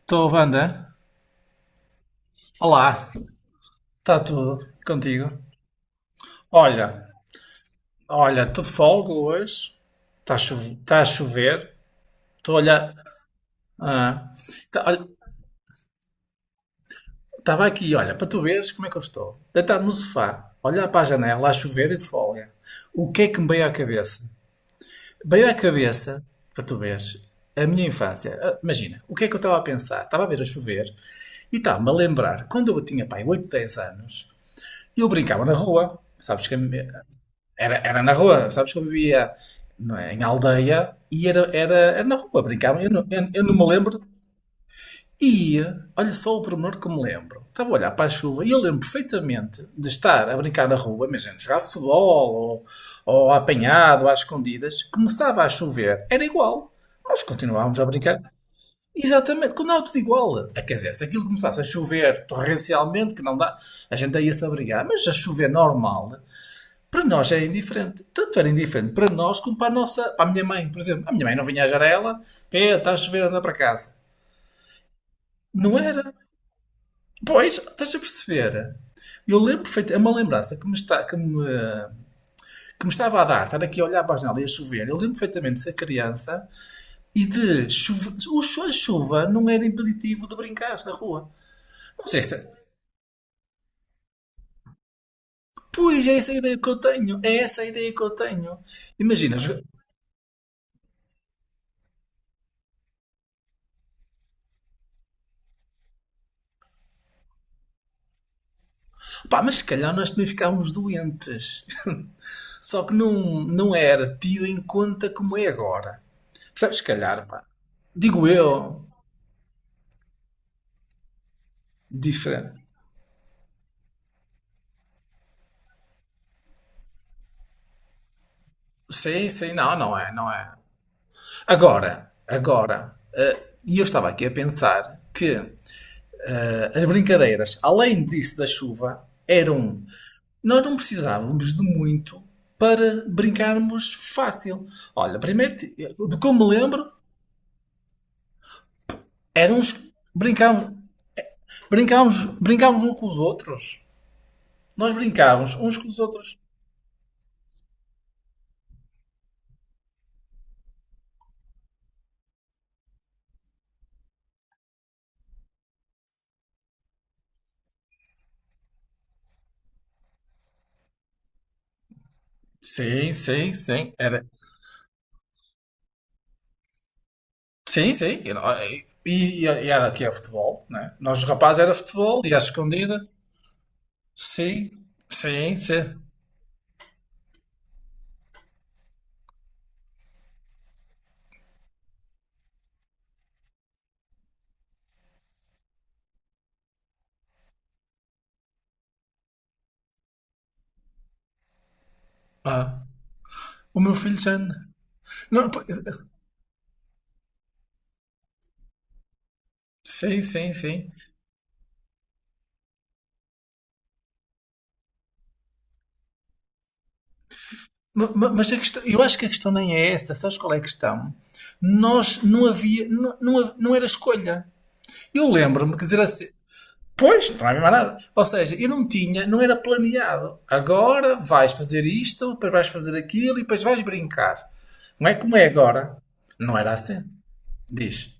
Estou, Wanda. Olá, está tudo contigo? Olha, olha, estou de folga hoje. Está a chover, tá a chover. Estou a olhar. Ah, olha, estava aqui, olha, para tu veres como é que eu estou. Deitado no sofá, a olhar para a janela, a chover e de folga. O que é que me veio à cabeça? Veio à cabeça, para tu veres, a minha infância. Ah, imagina, o que é que eu estava a pensar? Estava a ver a chover e estava-me a lembrar quando eu tinha, pai, 8, 10 anos. Eu brincava na rua, sabes que era na rua, sabes que eu vivia, não é, em aldeia, e era na rua, brincava. Eu não, eu não me lembro. E olha só o pormenor que me lembro. Estava a olhar para a chuva e eu lembro perfeitamente de estar a brincar na rua, imagina, jogar futebol ou apanhado, às escondidas. Começava a chover, era igual. Nós continuávamos a brincar. Exatamente, quando há, tudo igual. Ah, quer dizer, se aquilo começasse a chover torrencialmente, que não dá, a gente ia se abrigar, mas a chover normal, para nós é indiferente. Tanto era indiferente para nós como para a nossa, para a minha mãe, por exemplo. A minha mãe não vinha à janela, é, está a chover, anda para casa. Não era. Pois, estás a perceber? Eu lembro perfeitamente, é uma lembrança que me, está, que me estava a dar, estar aqui a olhar para a janela e a chover. Eu lembro perfeitamente de ser criança e de chuva. A chuva não era impeditivo de brincar na rua. Não sei se. Pois, é essa a ideia que eu tenho. É essa a ideia que eu tenho. Imagina, pá, mas se calhar nós também ficámos doentes. Só que não, não era tido em conta como é agora. Percebes? Se calhar, pá. Digo eu, diferente. Sim, sim, não, não é, não é. Agora, agora. E eu estava aqui a pensar que, as brincadeiras, além disso da chuva, eram. Nós não precisávamos de muito para brincarmos fácil. Olha, primeiro, de como me lembro, éramos. Brincávamos, brincávamos uns com os outros. Nós brincávamos uns com os outros. Sim, sim, sim. Era, sim, sim. Era. E era aqui é futebol, né? Nós, os rapazes, era futebol e à escondida. Sim, sim, sim. Ah, o meu filho já. Não, pois. Sim, sim, sim. Mas a questão, eu acho que a questão nem é essa, sabes qual é a questão? Nós não havia, não era escolha. Eu lembro-me, quer dizer assim, pois, não havia mais nada. Ou seja, eu não tinha, não era planeado. Agora vais fazer isto, depois vais fazer aquilo e depois vais brincar. Não é como é agora. Não era assim. Diz.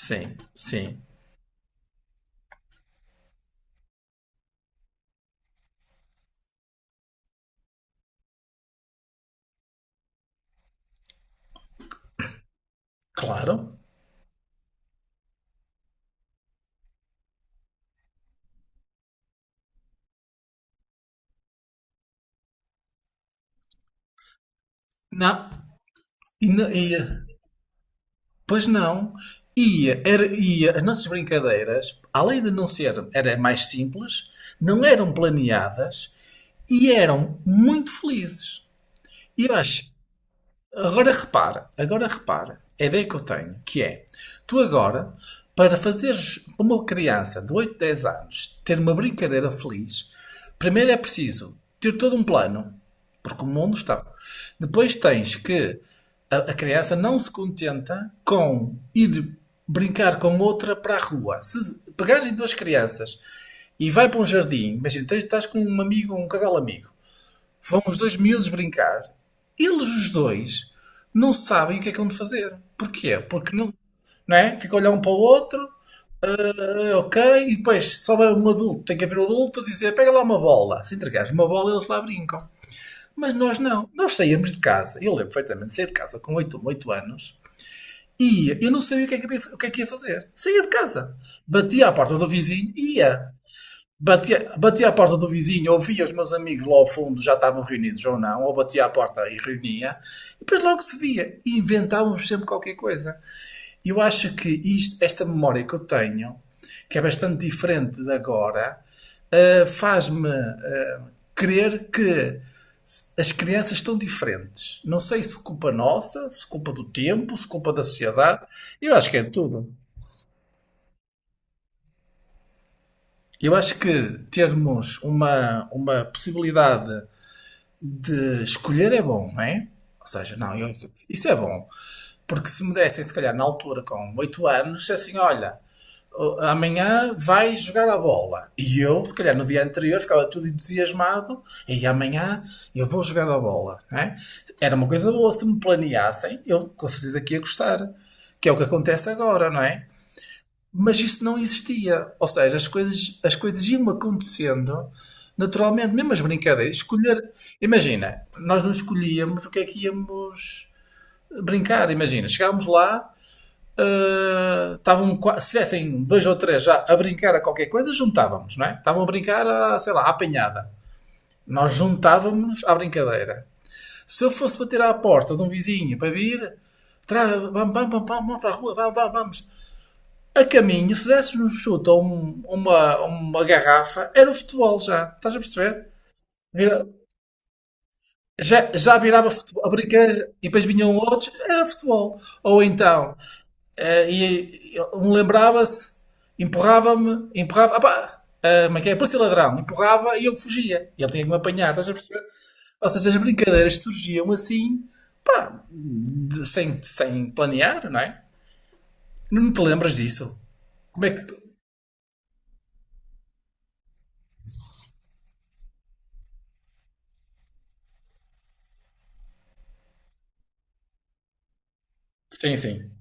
Sim, sim. Claro. Não. E, pois não. E as nossas brincadeiras, além de não ser, era mais simples, não eram planeadas e eram muito felizes. E eu acho. Agora repara, a ideia que eu tenho, que é, tu agora, para fazeres uma criança de 8, 10 anos ter uma brincadeira feliz, primeiro é preciso ter todo um plano, porque o mundo está. Depois tens que a criança não se contenta com ir brincar com outra para a rua. Se pegarem duas crianças e vai para um jardim, imagina, tens, estás com um amigo, um casal amigo. Vão os dois miúdos brincar. Eles, os dois, não sabem o que é que hão de fazer. Porquê? Porque não. Não é? Fica a olhar um para o outro, ah, ok, e depois, se houver um adulto, tem que haver um adulto a dizer: pega lá uma bola. Se entregares uma bola, eles lá brincam. Mas nós não. Nós saímos de casa. Eu lembro perfeitamente, saí de casa com oito anos e eu não sabia o que, é que, o que é que ia fazer. Saía de casa, batia à porta do vizinho e ia. Bati à porta do vizinho, ouvia os meus amigos lá ao fundo, já estavam reunidos ou não, ou batia à porta e reunia, e depois logo se via, e inventávamos sempre qualquer coisa. Eu acho que esta memória que eu tenho, que é bastante diferente de agora, faz-me crer que as crianças estão diferentes. Não sei se culpa nossa, se culpa do tempo, se culpa da sociedade, eu acho que é tudo. Eu acho que termos uma possibilidade de escolher é bom, não é? Ou seja, não, isso é bom. Porque se me dessem, se calhar, na altura, com 8 anos, assim, olha, amanhã vais jogar a bola. E eu, se calhar, no dia anterior, ficava tudo entusiasmado, e amanhã eu vou jogar a bola, não é? Era uma coisa boa, se me planeassem, eu com certeza que ia gostar. Que é o que acontece agora, não é? Mas isso não existia. Ou seja, as coisas iam acontecendo naturalmente, mesmo as brincadeiras. Escolher, imagina, nós não escolhíamos o que é que íamos brincar. Imagina, chegámos lá, ah, estavam, se tivessem dois ou três já a brincar a qualquer coisa, juntávamos, não é? Estavam a brincar, a, sei lá, à apanhada. Nós juntávamos à brincadeira. Se eu fosse bater à porta de um vizinho para vir, vamos, vamos, vamos, vamos para a rua, vamos, vamos, vamos a caminho, se desses um chute ou uma garrafa, era o futebol já. Estás a perceber? Vira- Já, já virava futebol, a brincadeira, e depois vinham outros, era futebol. Ou então, um lembrava-se, empurrava-me, empurrava, opá, eh, como é que é? Parecia ladrão, empurrava e eu fugia. E ele tinha que me apanhar, estás a perceber? Ou seja, as brincadeiras surgiam assim, pá, sem planear, não é? Não te lembras disso? Como é que. Sim, sim.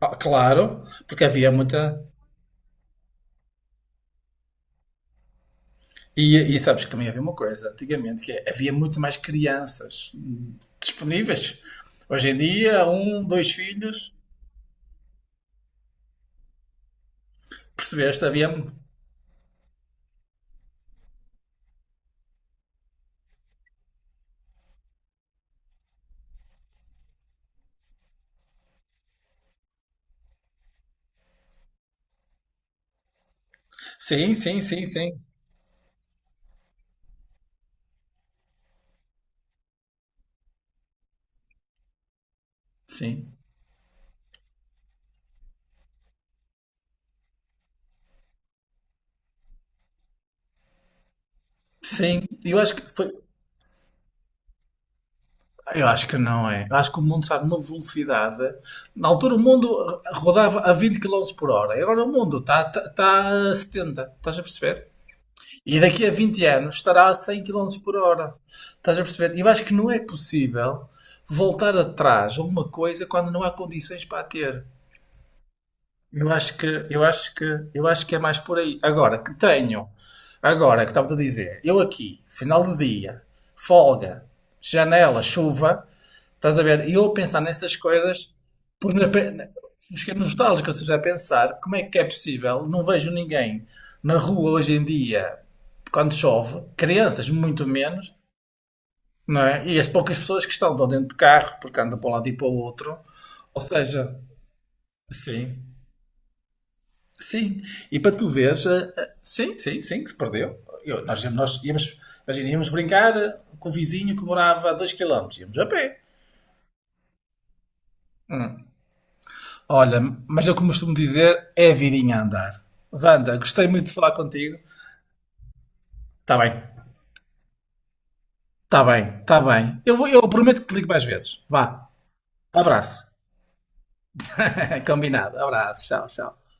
Ah, claro, porque havia muita. E sabes que também havia uma coisa, antigamente, que é, havia muito mais crianças disponíveis. Hoje em dia, um, dois filhos, percebeste? Havia. Sim, sim, sim, sim. Sim. Sim. E eu acho que foi. Eu acho que não é. Eu acho que o mundo está numa velocidade. Na altura o mundo rodava a 20 km por hora. E agora o mundo está a 70. Estás a perceber? E daqui a 20 anos estará a 100 quilómetros por hora. Estás a perceber? Eu acho que não é possível voltar atrás a uma coisa quando não há condições para a ter. Eu acho que, eu acho que, eu acho que é mais por aí. Agora que tenho, agora que estava a dizer, eu aqui, final do dia, folga, janela, chuva, estás a ver? E eu a pensar nessas coisas, por na, pe- na- fiquei nostálgico, ou seja, a pensar como é que é possível, não vejo ninguém na rua hoje em dia, quando chove, crianças muito menos, não é? E as poucas pessoas que estão lá dentro de carro, porque andam para um lado e para o outro, ou seja, sim. Sim, e para tu veres, sim, sim, sim, que se perdeu. Nós íamos, imagina, íamos brincar com o vizinho que morava a 2 km, íamos a pé. Olha, mas eu como costumo dizer, é a vidinha a andar. Wanda, gostei muito de falar contigo. Está bem, está bem, está bem. Eu prometo que te ligo mais vezes. Vá, abraço. Combinado, abraço, tchau, tchau.